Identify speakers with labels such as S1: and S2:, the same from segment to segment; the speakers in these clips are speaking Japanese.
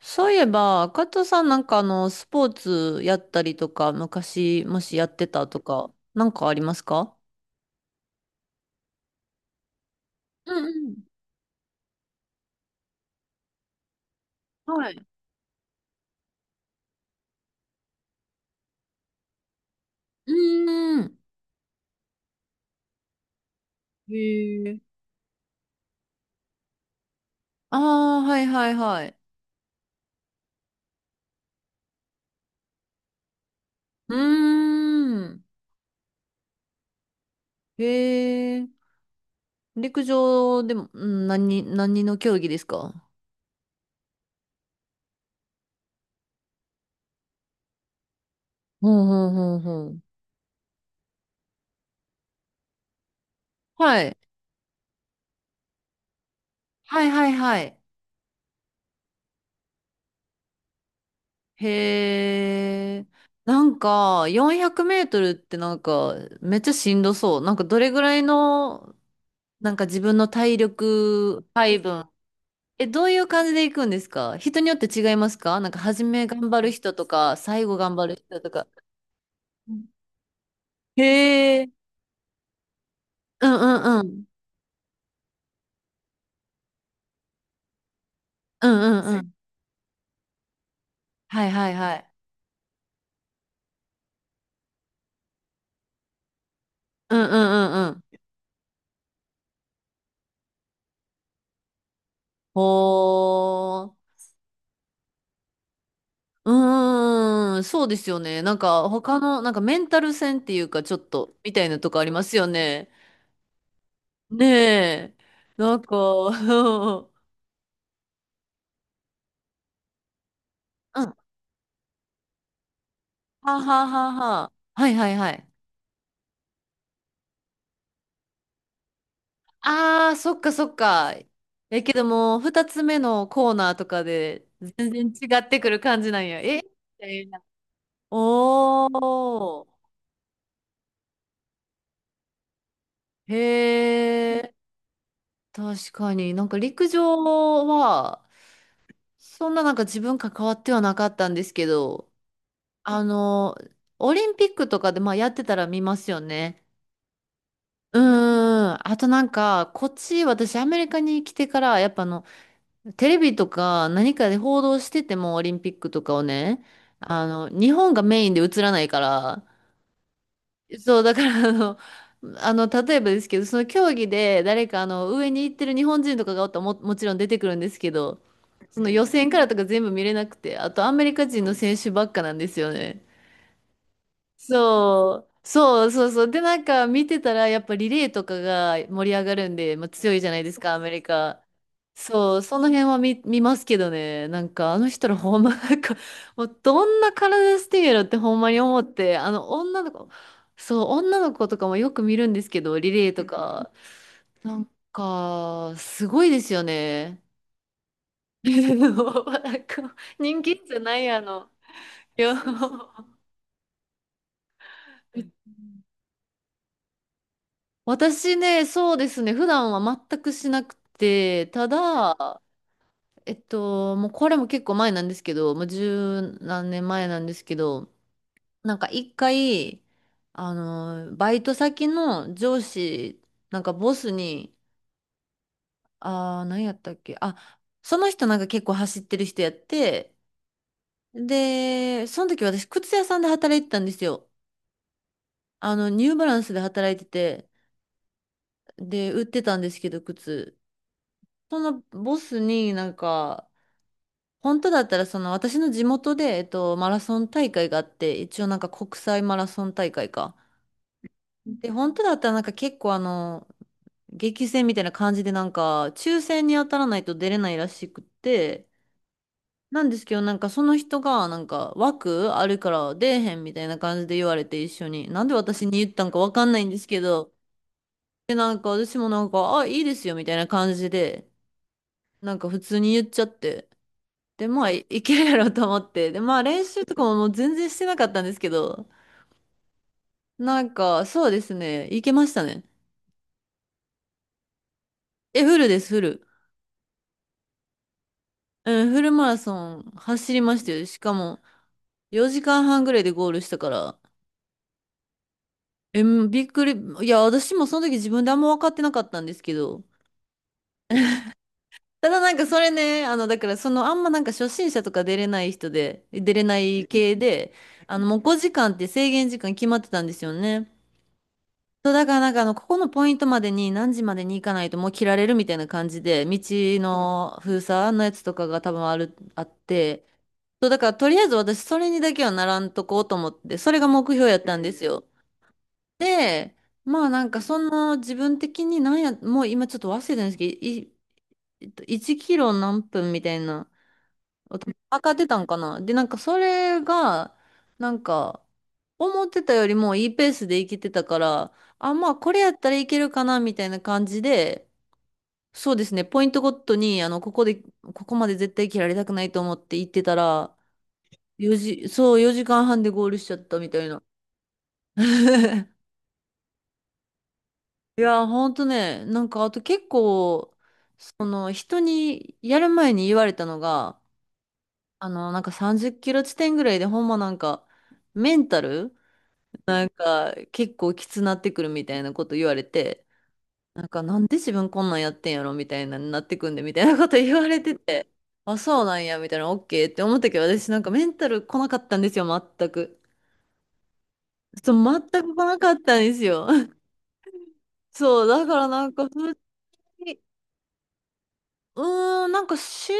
S1: そういえば、加藤さんスポーツやったりとか、昔、もしやってたとか、なんかありますか？うんうん。はい。うーん。へえ。ああ、はいはいはい。うーん。へえ。陸上でも、何、何の競技ですか？ほうほうほうほう。はい。はいはいはい。へえ。なんか、400メートルってなんか、めっちゃしんどそう。なんか、どれぐらいの、なんか自分の体力配分。え、どういう感じで行くんですか？人によって違いますか？なんか初め頑張る人とか、最後頑張る人とか。うん。へえ。うんうんうん。うんうんうん。はいはいはい。うんうんうんうん。ほー。うーん、そうですよね。なんか他の、なんかメンタル戦っていうか、ちょっとみたいなとこありますよね。ねえ。なんか、うん。はははは。はいはいはい。ああ、そっかそっか。え、けどもう、二つ目のコーナーとかで全然違ってくる感じなんや。えみたいな。おー。へえ。確かに。なんか陸上は、そんななんか自分関わってはなかったんですけど、あの、オリンピックとかでまあやってたら見ますよね。うーん。あとなんか、こっち、私アメリカに来てから、やっぱあの、テレビとか何かで報道しててもオリンピックとかをね、あの、日本がメインで映らないから、そう、だからあの、あの、例えばですけど、その競技で誰かあの、上に行ってる日本人とかがおったらも、もちろん出てくるんですけど、その予選からとか全部見れなくて、あとアメリカ人の選手ばっかなんですよね。そう、そうそうそう。で、なんか見てたら、やっぱリレーとかが盛り上がるんで、まあ、強いじゃないですか、アメリカ。そう、その辺は見ますけどね、なんかあの人らほんま、なんか、もうどんな体してんやろってほんまに思って、あの女の子、そう、女の子とかもよく見るんですけど、リレーとか、なんか、すごいですよね。なんか人気じゃないあの、いや、め私ね、そうですね、普段は全くしなくて、ただ、もうこれも結構前なんですけど、もう十何年前なんですけど、なんか一回、あの、バイト先の上司、なんかボスに、あー、何やったっけ、あ、その人なんか結構走ってる人やって、で、その時私、靴屋さんで働いてたんですよ。あの、ニューバランスで働いてて、で、売ってたんですけど、靴。そのボスになんか、本当だったら、その私の地元で、マラソン大会があって、一応なんか国際マラソン大会か。で、本当だったらなんか結構あの、激戦みたいな感じでなんか、抽選に当たらないと出れないらしくって、なんですけど、なんかその人がなんか枠あるから出えへんみたいな感じで言われて一緒に、なんで私に言ったんかわかんないんですけど、で、なんか私もなんか、あ、いいですよみたいな感じで、なんか普通に言っちゃって。で、まあ、いいけるやろうと思って。で、まあ、練習とかももう全然してなかったんですけど、なんか、そうですね、いけましたね。え、フルです、フル。うん、フルマラソン走りましたよ。しかも、4時間半ぐらいでゴールしたから、え、うん、びっくり。いや、私もその時自分であんま分かってなかったんですけど、ただなんかそれね、あの、だからその、あんまなんか初心者とか出れない人で、出れない系で、あの、もう5時間って制限時間決まってたんですよね。そう、だからなんかあの、ここのポイントまでに何時までに行かないともう切られるみたいな感じで、道の封鎖のやつとかが多分あって、そう、だからとりあえず私それにだけはならんとこうと思って、それが目標やったんですよ。で、まあなんかその自分的になんや、もう今ちょっと忘れてるんですけど、1キロ何分みたいな。私、上がってたんかな。で、なんかそれが、なんか、思ってたよりもいいペースでいけてたから、あ、まあこれやったらいけるかな、みたいな感じで、そうですね、ポイントごとに、あの、ここで、ここまで絶対切られたくないと思って行ってたら、4時、そう、4時間半でゴールしちゃったみたいな。いや、ほんとね、なんかあと結構、その人にやる前に言われたのが、あの、なんか30キロ地点ぐらいでほんまなんか、メンタルなんか結構きつなってくるみたいなこと言われて、なんかなんで自分こんなんやってんやろみたいなになってくんでみたいなこと言われてて、あ、そうなんやみたいな、オッケーって思ったけど、私なんかメンタル来なかったんですよ、全く。そう、全く来なかったんですよ。そう、だからなんか普通に、うーん、なんかしん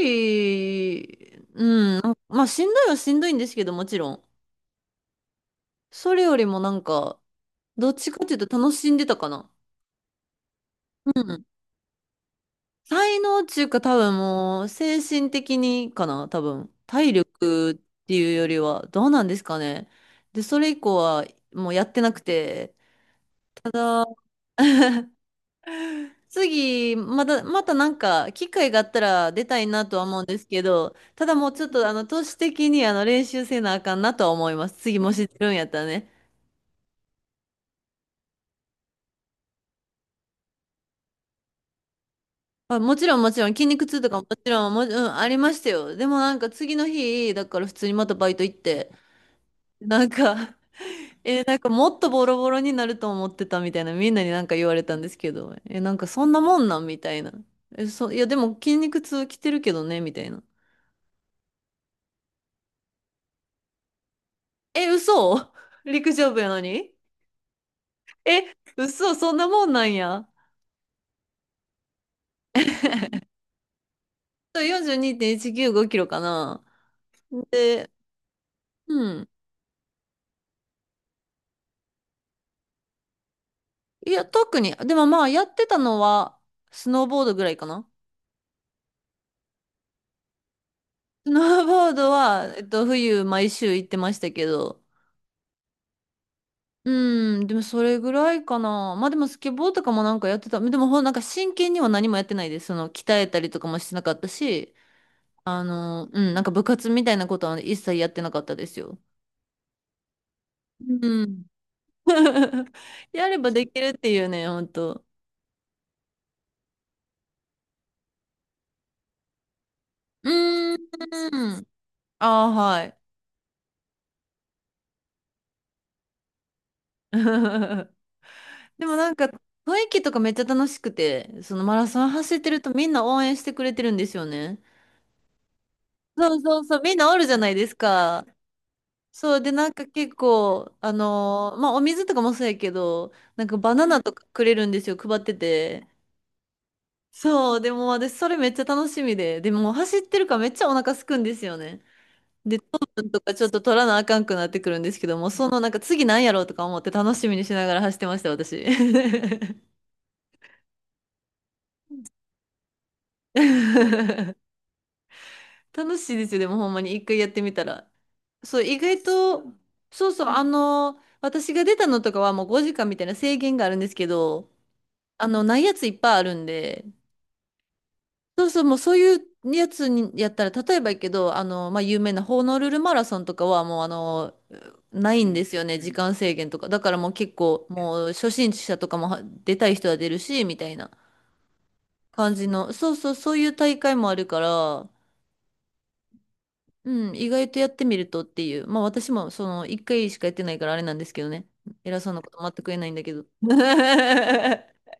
S1: どい、うん、なんまあしんどいはしんどいんですけど、もちろん。それよりもなんか、どっちかっていうと楽しんでたかな。うん、才能っていうか多分もう精神的にかな、多分体力っていうよりは、どうなんですかね。でそれ以降はもうやってなくて。 次、またまたなんか機会があったら出たいなとは思うんですけど、ただもうちょっとあの都市的にあの練習せなあかんなとは思います、次もし出るんやったらね。まあ、もちろんもちろん筋肉痛とか、もちろんも、うん、ありましたよ。でもなんか次の日だから普通にまたバイト行って、なんかえー、なんかもっとボロボロになると思ってたみたいな、みんなになんか言われたんですけど、え、なんかそんなもんなんみたいな。え、いやでも筋肉痛来てるけどね、みたいな。え、嘘。 陸上部やのに。え、嘘、そんなもんなんや。42.195キロかな。で、うん。いや、特に、でもまあやってたのは、スノーボードぐらいかな。スノーボードは、冬毎週行ってましたけど、うん、でもそれぐらいかな。まあでもスケボーとかもなんかやってた。でもほんなんか真剣には何もやってないです。その鍛えたりとかもしてなかったし、あの、うん、なんか部活みたいなことは一切やってなかったですよ。うん。やればできるっていうね、ほんと。うーん。ああ、はい。でもなんか雰囲気とかめっちゃ楽しくて、そのマラソン走ってるとみんな応援してくれてるんですよね。そうそうそう、みんなおるじゃないですか。そうでなんか結構あのー、まあお水とかもそうやけど、なんかバナナとかくれるんですよ、配ってて。そう、でも私それめっちゃ楽しみで、でも走ってるからめっちゃお腹すくんですよね。で糖分とかちょっと取らなあかんくなってくるんですけども、そのなんか次なんやろうとか思って楽しみにしながら走ってました、私。 楽しいですよ、でもほんまに一回やってみたら。そう、意外と。そうそう、あの、私が出たのとかはもう5時間みたいな制限があるんですけど、あの、ないやついっぱいあるんで、そうそう、もうそういうやつにやったら、例えばやけど、あの、まあ、有名なホノルルマラソンとかはもうあの、ないんですよね、時間制限とか。だからもう結構、もう初心者とかもは出たい人は出るし、みたいな感じの、そうそう、そういう大会もあるから、うん、意外とやってみるとっていう。まあ私もその1回しかやってないからあれなんですけどね。偉そうなこと全く言えないんだけど。